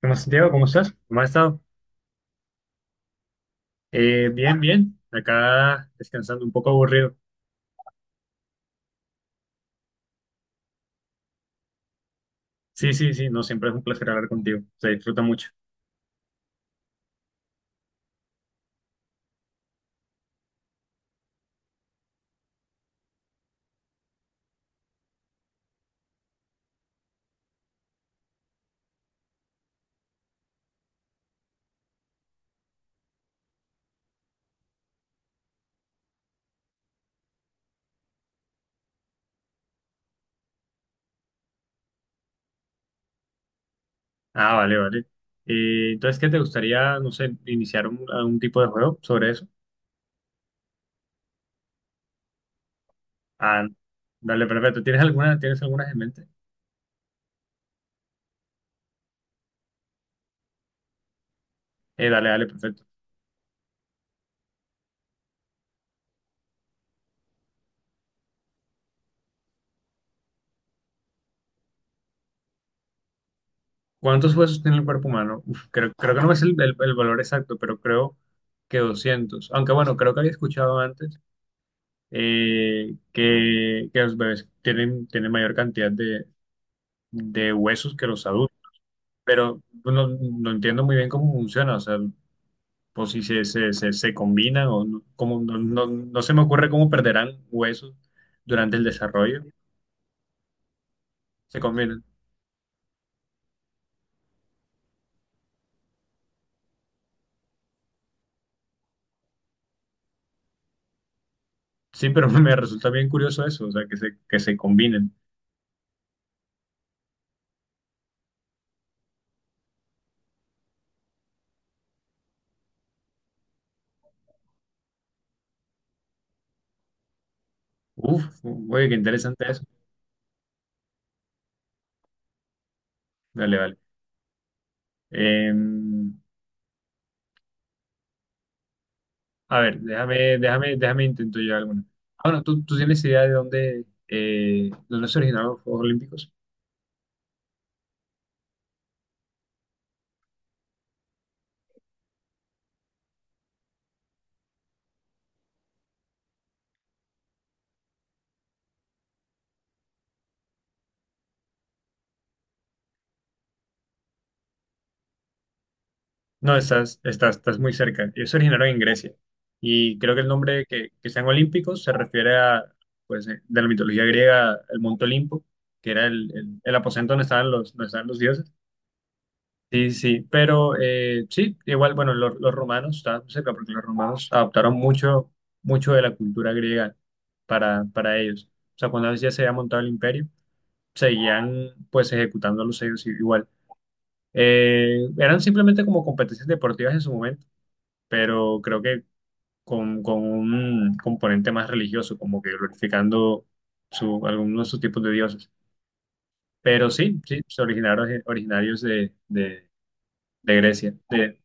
¿Qué más, Santiago? ¿Cómo estás? ¿Cómo has estado? Bien, bien. Acá descansando, un poco aburrido. Sí, sí, sí. No, siempre es un placer hablar contigo. Se disfruta mucho. Ah, vale, vale. Entonces, ¿qué te gustaría, no sé, iniciar algún tipo de juego sobre eso? Ah, dale, perfecto. ¿Tienes algunas en mente? Dale, dale, perfecto. ¿Cuántos huesos tiene el cuerpo humano? Uf, creo que no es el valor exacto, pero creo que 200. Aunque bueno, creo que había escuchado antes, que los bebés tienen mayor cantidad de huesos que los adultos, pero no entiendo muy bien cómo funciona, o sea, por si se combinan o no, no se me ocurre cómo perderán huesos durante el desarrollo, se combinan. Sí, pero me resulta bien curioso eso, o sea, que se combinen. Uf, oye, qué interesante eso. Vale, vale. Eh, a ver, déjame intento yo alguna. Bueno, tú tienes idea de dónde se originaron los Juegos Olímpicos? No, estás muy cerca. Ellos se originaron en Grecia, y creo que el nombre que sean olímpicos se refiere a, pues, de la mitología griega, el Monte Olimpo, que era el aposento donde estaban los dioses. Sí, sí, sí. Pero sí, igual, bueno, los romanos estaban cerca porque los romanos adoptaron mucho de la cultura griega para ellos. O sea, cuando ya se había montado el imperio, seguían pues ejecutando los ellos igual. Eran simplemente como competencias deportivas en su momento, pero creo que con un componente más religioso, como que glorificando algunos de sus tipos de dioses. Pero sí, sí, se originaron originarios de Grecia. De-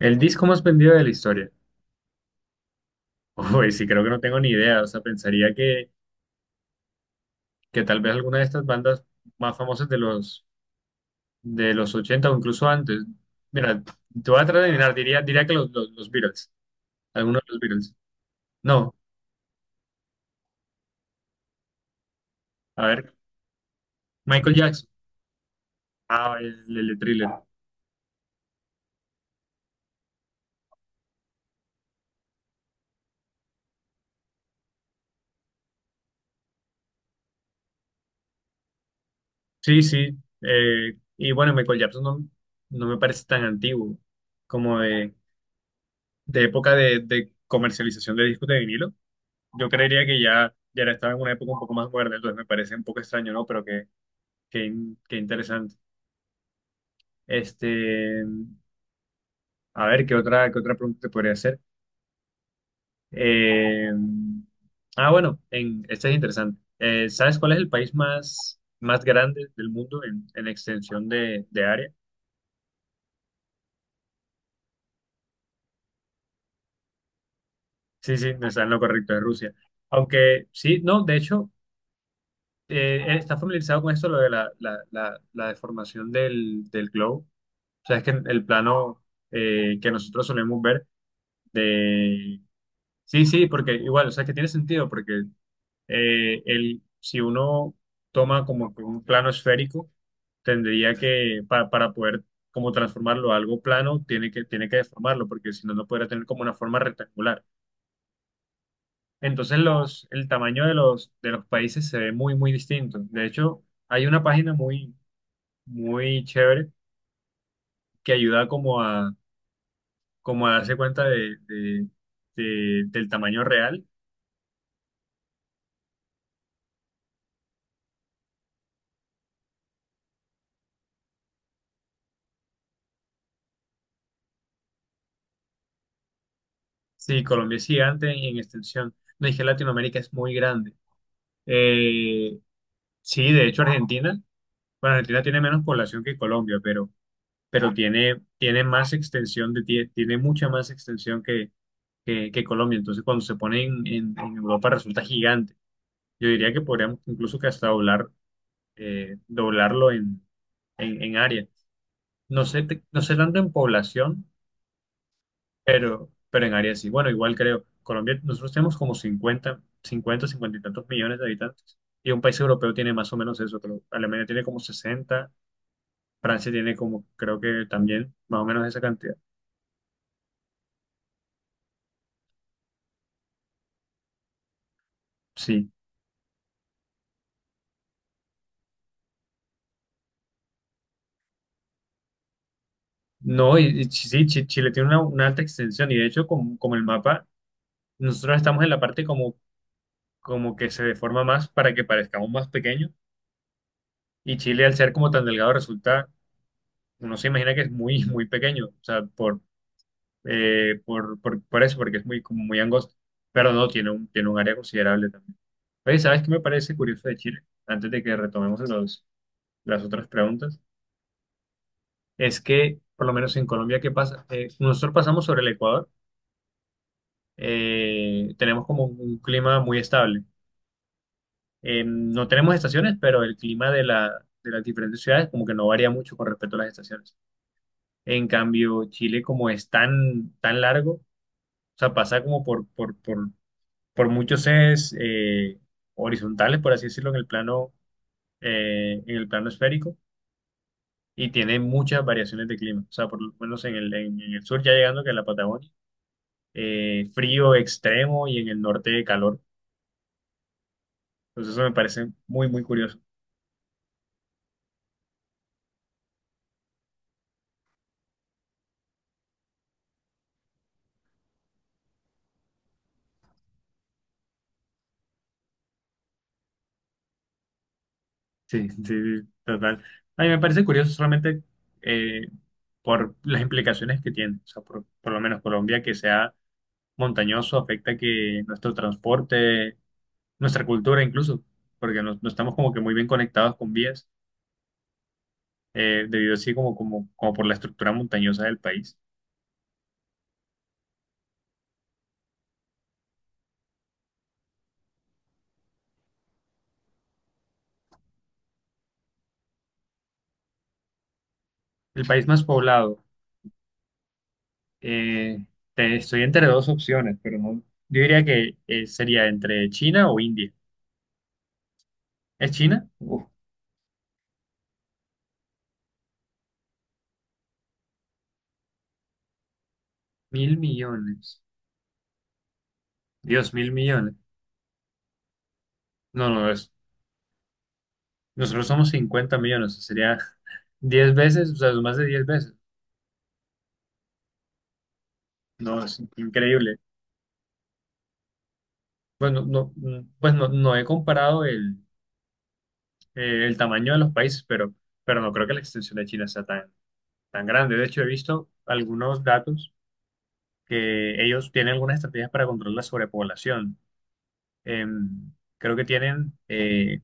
el disco más vendido de la historia. Uy, sí, creo que no tengo ni idea. O sea, pensaría que tal vez alguna de estas bandas más famosas de de los 80 o incluso antes. Mira, te voy a tratar de adivinar, diría que los Beatles, algunos de los Beatles. No, a ver, Michael Jackson. Ah, el de Thriller. Sí, sí. Y bueno, Michael Jackson no me parece tan antiguo como de época de comercialización de discos de vinilo. Yo creería que ya estaba en una época un poco más moderna, entonces me parece un poco extraño, ¿no? Pero qué interesante. Este, a ver, qué otra pregunta te podría hacer? Eh, bueno, esta es interesante. ¿Sabes cuál es el país más grande del mundo en extensión de área? Sí, sí, no está en lo correcto de Rusia. Aunque sí, no, de hecho, está familiarizado con esto, lo de la deformación del globo. O sea, es que el plano, que nosotros solemos ver de. Sí, sí, porque igual, o sea, que tiene sentido, porque, si uno toma como que un plano esférico, tendría que, para poder como transformarlo a algo plano, tiene que deformarlo, porque si no, no podría tener como una forma rectangular. Entonces el tamaño de de los países se ve muy, muy distinto. De hecho, hay una página muy, muy chévere que ayuda como a darse cuenta del tamaño real. Sí, Colombia es gigante en extensión. No dije Latinoamérica es muy grande. Eh, sí, de hecho Argentina, bueno, Argentina tiene menos población que Colombia, pero tiene más extensión tiene mucha más extensión que Colombia. Entonces cuando se pone en Europa resulta gigante. Yo diría que podríamos incluso que hasta doblarlo en área. No sé tanto en población, pero en área sí. Bueno, igual creo, Colombia, nosotros tenemos como 50 y tantos millones de habitantes. Y un país europeo tiene más o menos eso, creo. Alemania tiene como 60. Francia tiene creo que también, más o menos esa cantidad. Sí. No, sí, sí, Chile tiene una alta extensión. Y de hecho, como el mapa, nosotros estamos en la parte como que se deforma más para que parezcamos más pequeños. Y Chile, al ser como tan delgado, resulta, uno se imagina que es muy, muy pequeño, o sea, por eso, porque es muy, como muy angosto, pero no, tiene un área considerable también. Oye, ¿sabes qué me parece curioso de Chile? Antes de que retomemos las otras preguntas, es que, por lo menos en Colombia, ¿qué pasa? Nosotros pasamos sobre el Ecuador, tenemos como un clima muy estable. No tenemos estaciones, pero el clima de de las diferentes ciudades como que no varía mucho con respecto a las estaciones. En cambio, Chile, como es tan, tan largo, o sea, pasa como por muchos ejes, horizontales, por así decirlo, en el plano esférico, y tiene muchas variaciones de clima. O sea, por lo menos en el sur, ya llegando que a la Patagonia, frío extremo y en el norte calor. Entonces, eso me parece muy, muy curioso. Sí, sí, sí, total. A mí me parece curioso solamente, eh, por las implicaciones que tiene. O sea, por lo menos Colombia, que sea montañoso afecta que nuestro transporte, nuestra cultura incluso, porque no estamos como que muy bien conectados con vías, debido así como por la estructura montañosa del país. El país más poblado, eh, estoy entre dos opciones, pero no, yo diría que sería entre China o India. ¿Es China? Uf, 1.000 millones. Dios, 1.000 millones. No, no, nosotros somos 50 millones, o sea, sería 10 veces, o sea, más de 10 veces. No, es increíble. Bueno, no, pues no he comparado el tamaño de los países, pero no creo que la extensión de China sea tan, tan grande. De hecho, he visto algunos datos que ellos tienen algunas estrategias para controlar la sobrepoblación. Em, creo que tienen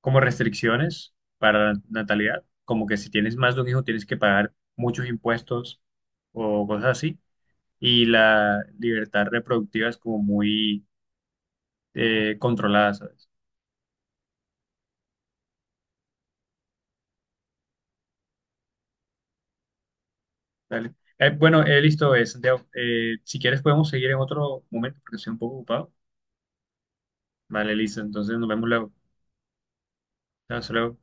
como restricciones para la natalidad, como que si tienes más de un hijo tienes que pagar muchos impuestos o cosas así, y la libertad reproductiva es como muy, controlada, ¿sabes? Dale. Bueno, listo, Santiago. Si quieres podemos seguir en otro momento porque estoy un poco ocupado. Vale, listo. Entonces nos vemos luego. Hasta luego.